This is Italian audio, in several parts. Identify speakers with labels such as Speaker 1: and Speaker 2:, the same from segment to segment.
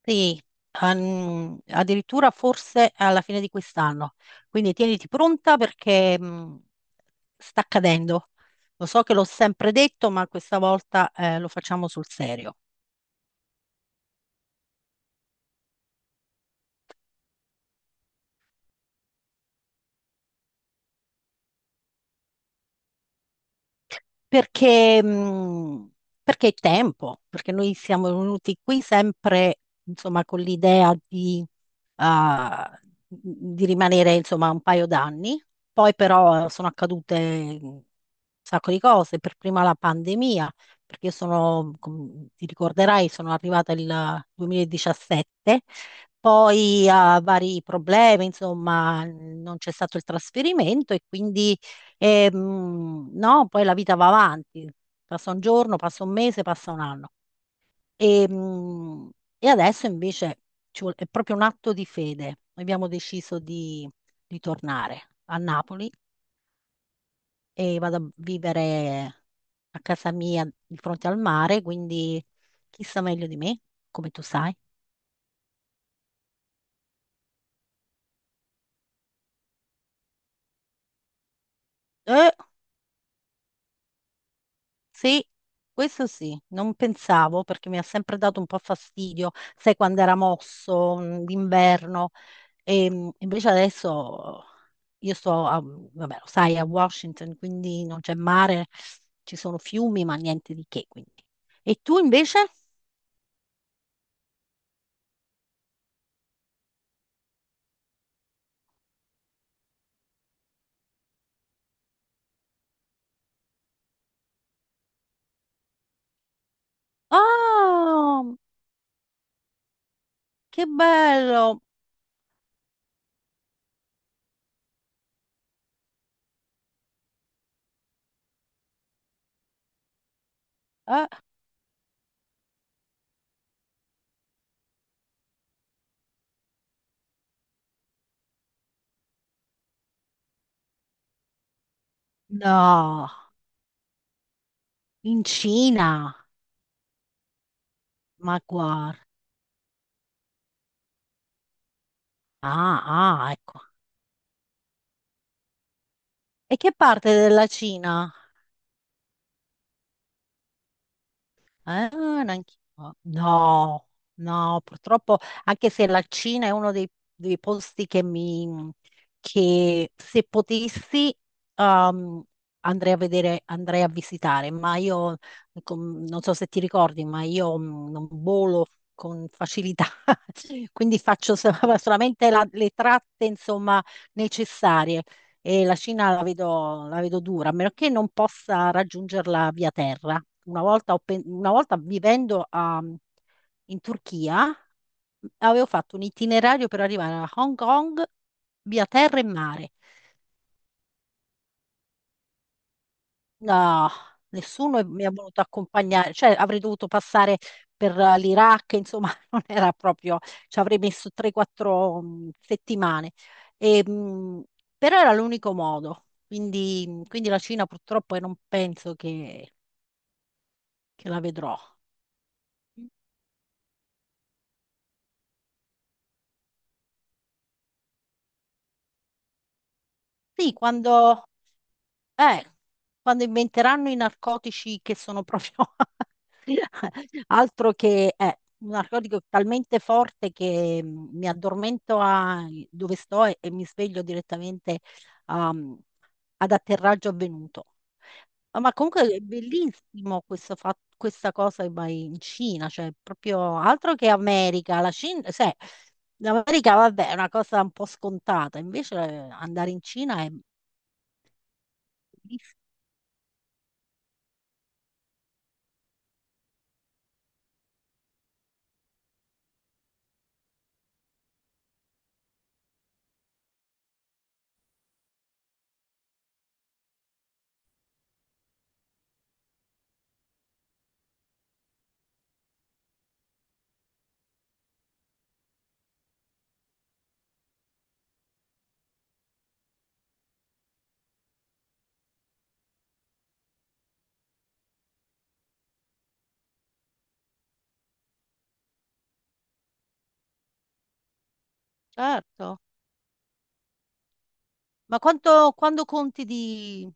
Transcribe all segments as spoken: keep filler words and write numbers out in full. Speaker 1: Sì, an- addirittura forse alla fine di quest'anno. Quindi tieniti pronta perché mh, sta accadendo. Lo so che l'ho sempre detto, ma questa volta eh, lo facciamo sul serio. perché, mh, perché è tempo, perché noi siamo venuti qui sempre, insomma, con l'idea di, ah, mhmm, di rimanere, insomma, un paio d'anni. Poi però sono accadute un sacco di cose, per prima la pandemia, perché io sono, come ti ricorderai, sono arrivata il duemiladiciassette, poi a vari problemi, insomma, non c'è stato il trasferimento e quindi e, mh, no, poi la vita va avanti, passa un giorno, passa un mese, passa un anno. E, mh, e adesso invece ci vuole- è proprio un atto di fede. Abbiamo deciso di, di tornare a Napoli e vado a vivere a casa mia di fronte al mare, quindi chi sa meglio di me, come tu sai. Eh, sì, questo sì, non pensavo perché mi ha sempre dato un po' fastidio, sai quando era mosso, mh, d'inverno. E mh, invece adesso io sto a, vabbè, lo sai, a Washington, quindi non c'è mare, ci sono fiumi, ma niente di che, quindi. E tu invece? Ah, che bello! Eh, no, in Cina, ma guarda. Ah, ah, ecco. E che parte della Cina? Ah, neanche- no, no, purtroppo, anche se la Cina è uno dei, dei posti che mi, che se potessi, um, andrei a vedere, andrei a visitare, ma io, com- non so se ti ricordi, ma io mm, non volo con facilità, quindi faccio so- solamente la- le tratte, insomma, necessarie. E la Cina la vedo, la vedo dura, a meno che non possa raggiungerla via terra una volta, ho pen- una volta vivendo a- in Turchia, avevo fatto un itinerario per arrivare a Hong Kong via terra e mare. No, nessuno mi ha voluto accompagnare, cioè avrei dovuto passare per eh, l'Iraq, insomma, non era proprio, ci avrei messo tre quattro mh, settimane. E, mh, però era l'unico modo, quindi, mh, quindi la Cina purtroppo io non penso che, che la vedrò. Sì, quando, Eh, quando inventeranno i narcotici che sono proprio altro che eh, un narcotico talmente forte che mm, mi addormento a dove sto e, e mi sveglio direttamente um, ad atterraggio avvenuto. Ah, ma comunque è bellissimo questo fa- questa cosa che vai in Cina, cioè proprio altro che America, la Cina, sai, l'America vabbè è una cosa un po' scontata, invece eh, andare in Cina è bellissimo, certo. Ma quanto, quando conti di,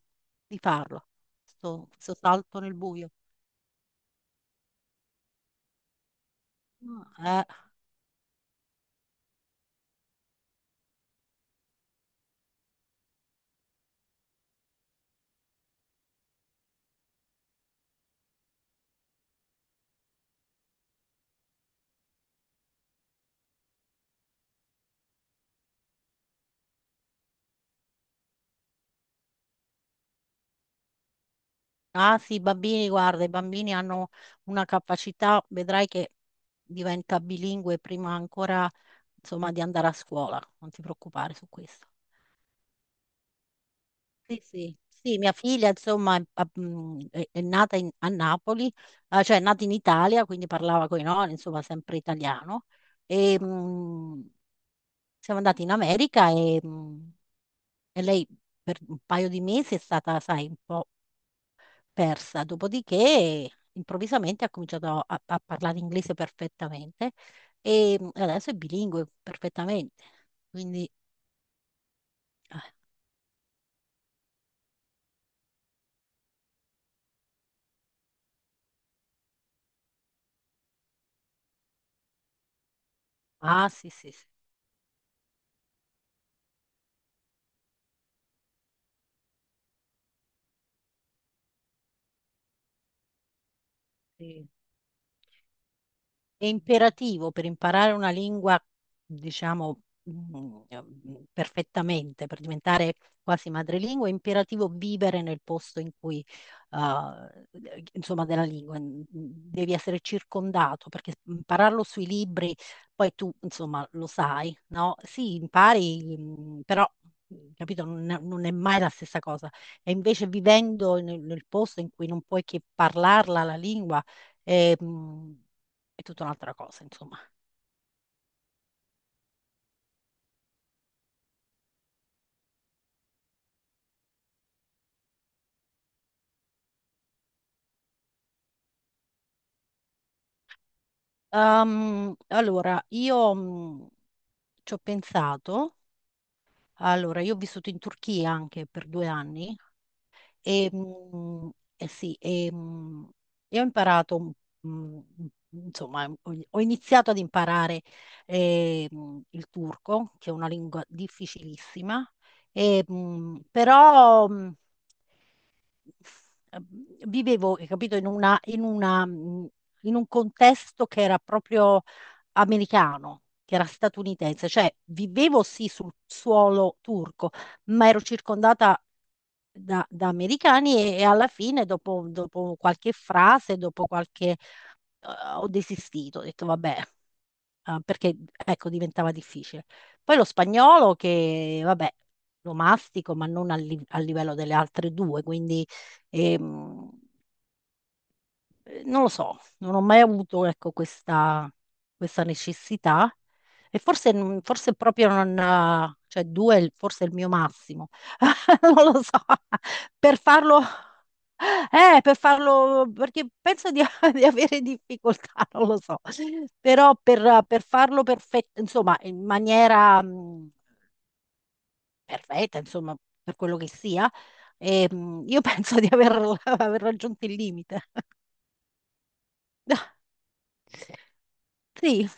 Speaker 1: di farlo? Sto, sto salto nel buio. Ah, Eh, ah sì, i bambini, guarda, i bambini hanno una capacità, vedrai che diventa bilingue prima ancora, insomma, di andare a scuola. Non ti preoccupare su questo. Sì, sì, sì, mia figlia, insomma, è, a- mm, è- è nata in- a Napoli, eh, cioè è nata in Italia, quindi parlava con i nonni, insomma, sempre italiano. E, Siamo andati in America e, mh, e lei per un paio di mesi è stata, sai, un po' persa. Dopodiché, improvvisamente ha cominciato a, a parlare inglese perfettamente e mh, adesso è bilingue perfettamente. Quindi, eh, ah, sì, sì, sì. Sì. È imperativo per imparare una lingua, diciamo, mm, perfettamente, per diventare quasi madrelingua, è imperativo vivere nel posto in cui, eh, insomma, della lingua. Mm, Devi essere circondato, perché impararlo sui libri, poi tu, insomma, lo sai, no? Sì, impari, mm, però. Capito? Non è, non è mai la stessa cosa. E invece vivendo nel, nel posto in cui non puoi che parlarla la lingua, eh, mh, è tutta un'altra cosa, insomma. Ehm, allora, io mh, ci ho pensato, allora, io ho vissuto in Turchia anche per due anni e, mh, eh sì, e, mh, e ho imparato, mh, insomma, ho ho iniziato ad imparare eh, mh, il turco, che è una lingua difficilissima, e, mh, però mh, vivevo, hai capito, in una, in una, mh, in un contesto che era proprio americano, che era statunitense, cioè vivevo sì sul suolo turco, ma ero circondata da, da americani e, e alla fine, dopo, dopo qualche frase, dopo qualche... eh, ho desistito, ho detto vabbè, eh, perché ecco, diventava difficile. Poi lo spagnolo che, vabbè, lo mastico, ma non al, li- al livello delle altre due, quindi, ehm, non lo so, non ho mai avuto, ecco, questa, questa necessità e forse, non- forse proprio non, eh, cioè due è il- forse è il mio massimo, non lo so, per farlo, eh, per farlo, perché penso di, di avere difficoltà, non lo so, però per, per farlo perfetto, insomma, in maniera mh, perfetta, insomma, per quello che sia, e, mh, io penso di aver aver raggiunto il limite. Sì.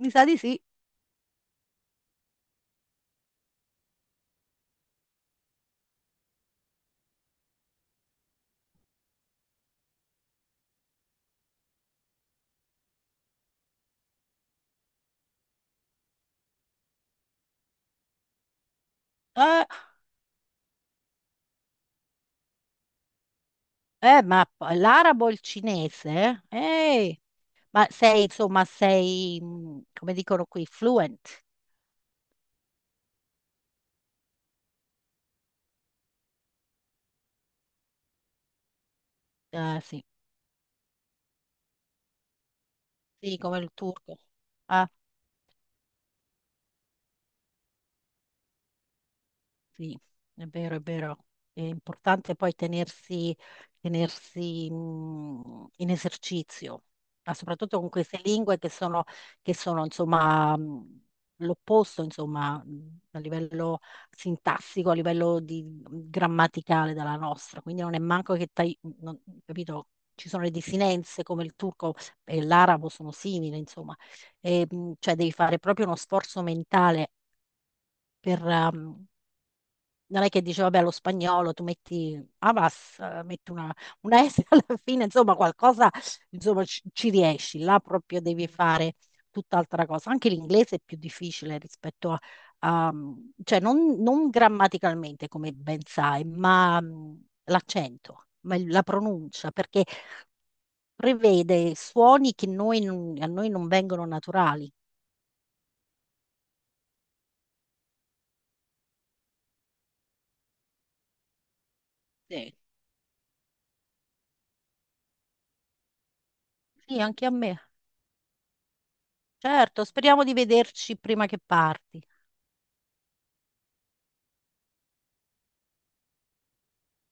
Speaker 1: Mi sa di sì. Eh, eh, ma p- l'arabo e il cinese? Ehi, ma sei, insomma, sei, mh, come dicono qui, fluent. Eh, sì, sì, come il turco. Ah. Sì, è vero, è vero. È importante poi tenersi, tenersi, mh, in esercizio, ma soprattutto con queste lingue che sono, che sono, insomma, mh, l'opposto, insomma, mh, a livello sintassico, a livello di- grammaticale della nostra. Quindi non è manco che, tai- non- capito, ci sono le desinenze come il turco e l'arabo sono simili, insomma. E, mh, cioè devi fare proprio uno sforzo mentale per, mhmm, non è che dice, vabbè, lo spagnolo, tu metti Avas, eh, metti una, una S alla fine, insomma, qualcosa, insomma, ci, ci riesci, là proprio devi fare tutt'altra cosa. Anche l'inglese è più difficile rispetto a, a- mm, cioè non, non grammaticalmente, come ben sai, ma mh, l'accento, ma il- la pronuncia, perché prevede suoni che noi non- a noi non vengono naturali. Sì, sì, anche a me. Certo, speriamo di vederci prima che parti.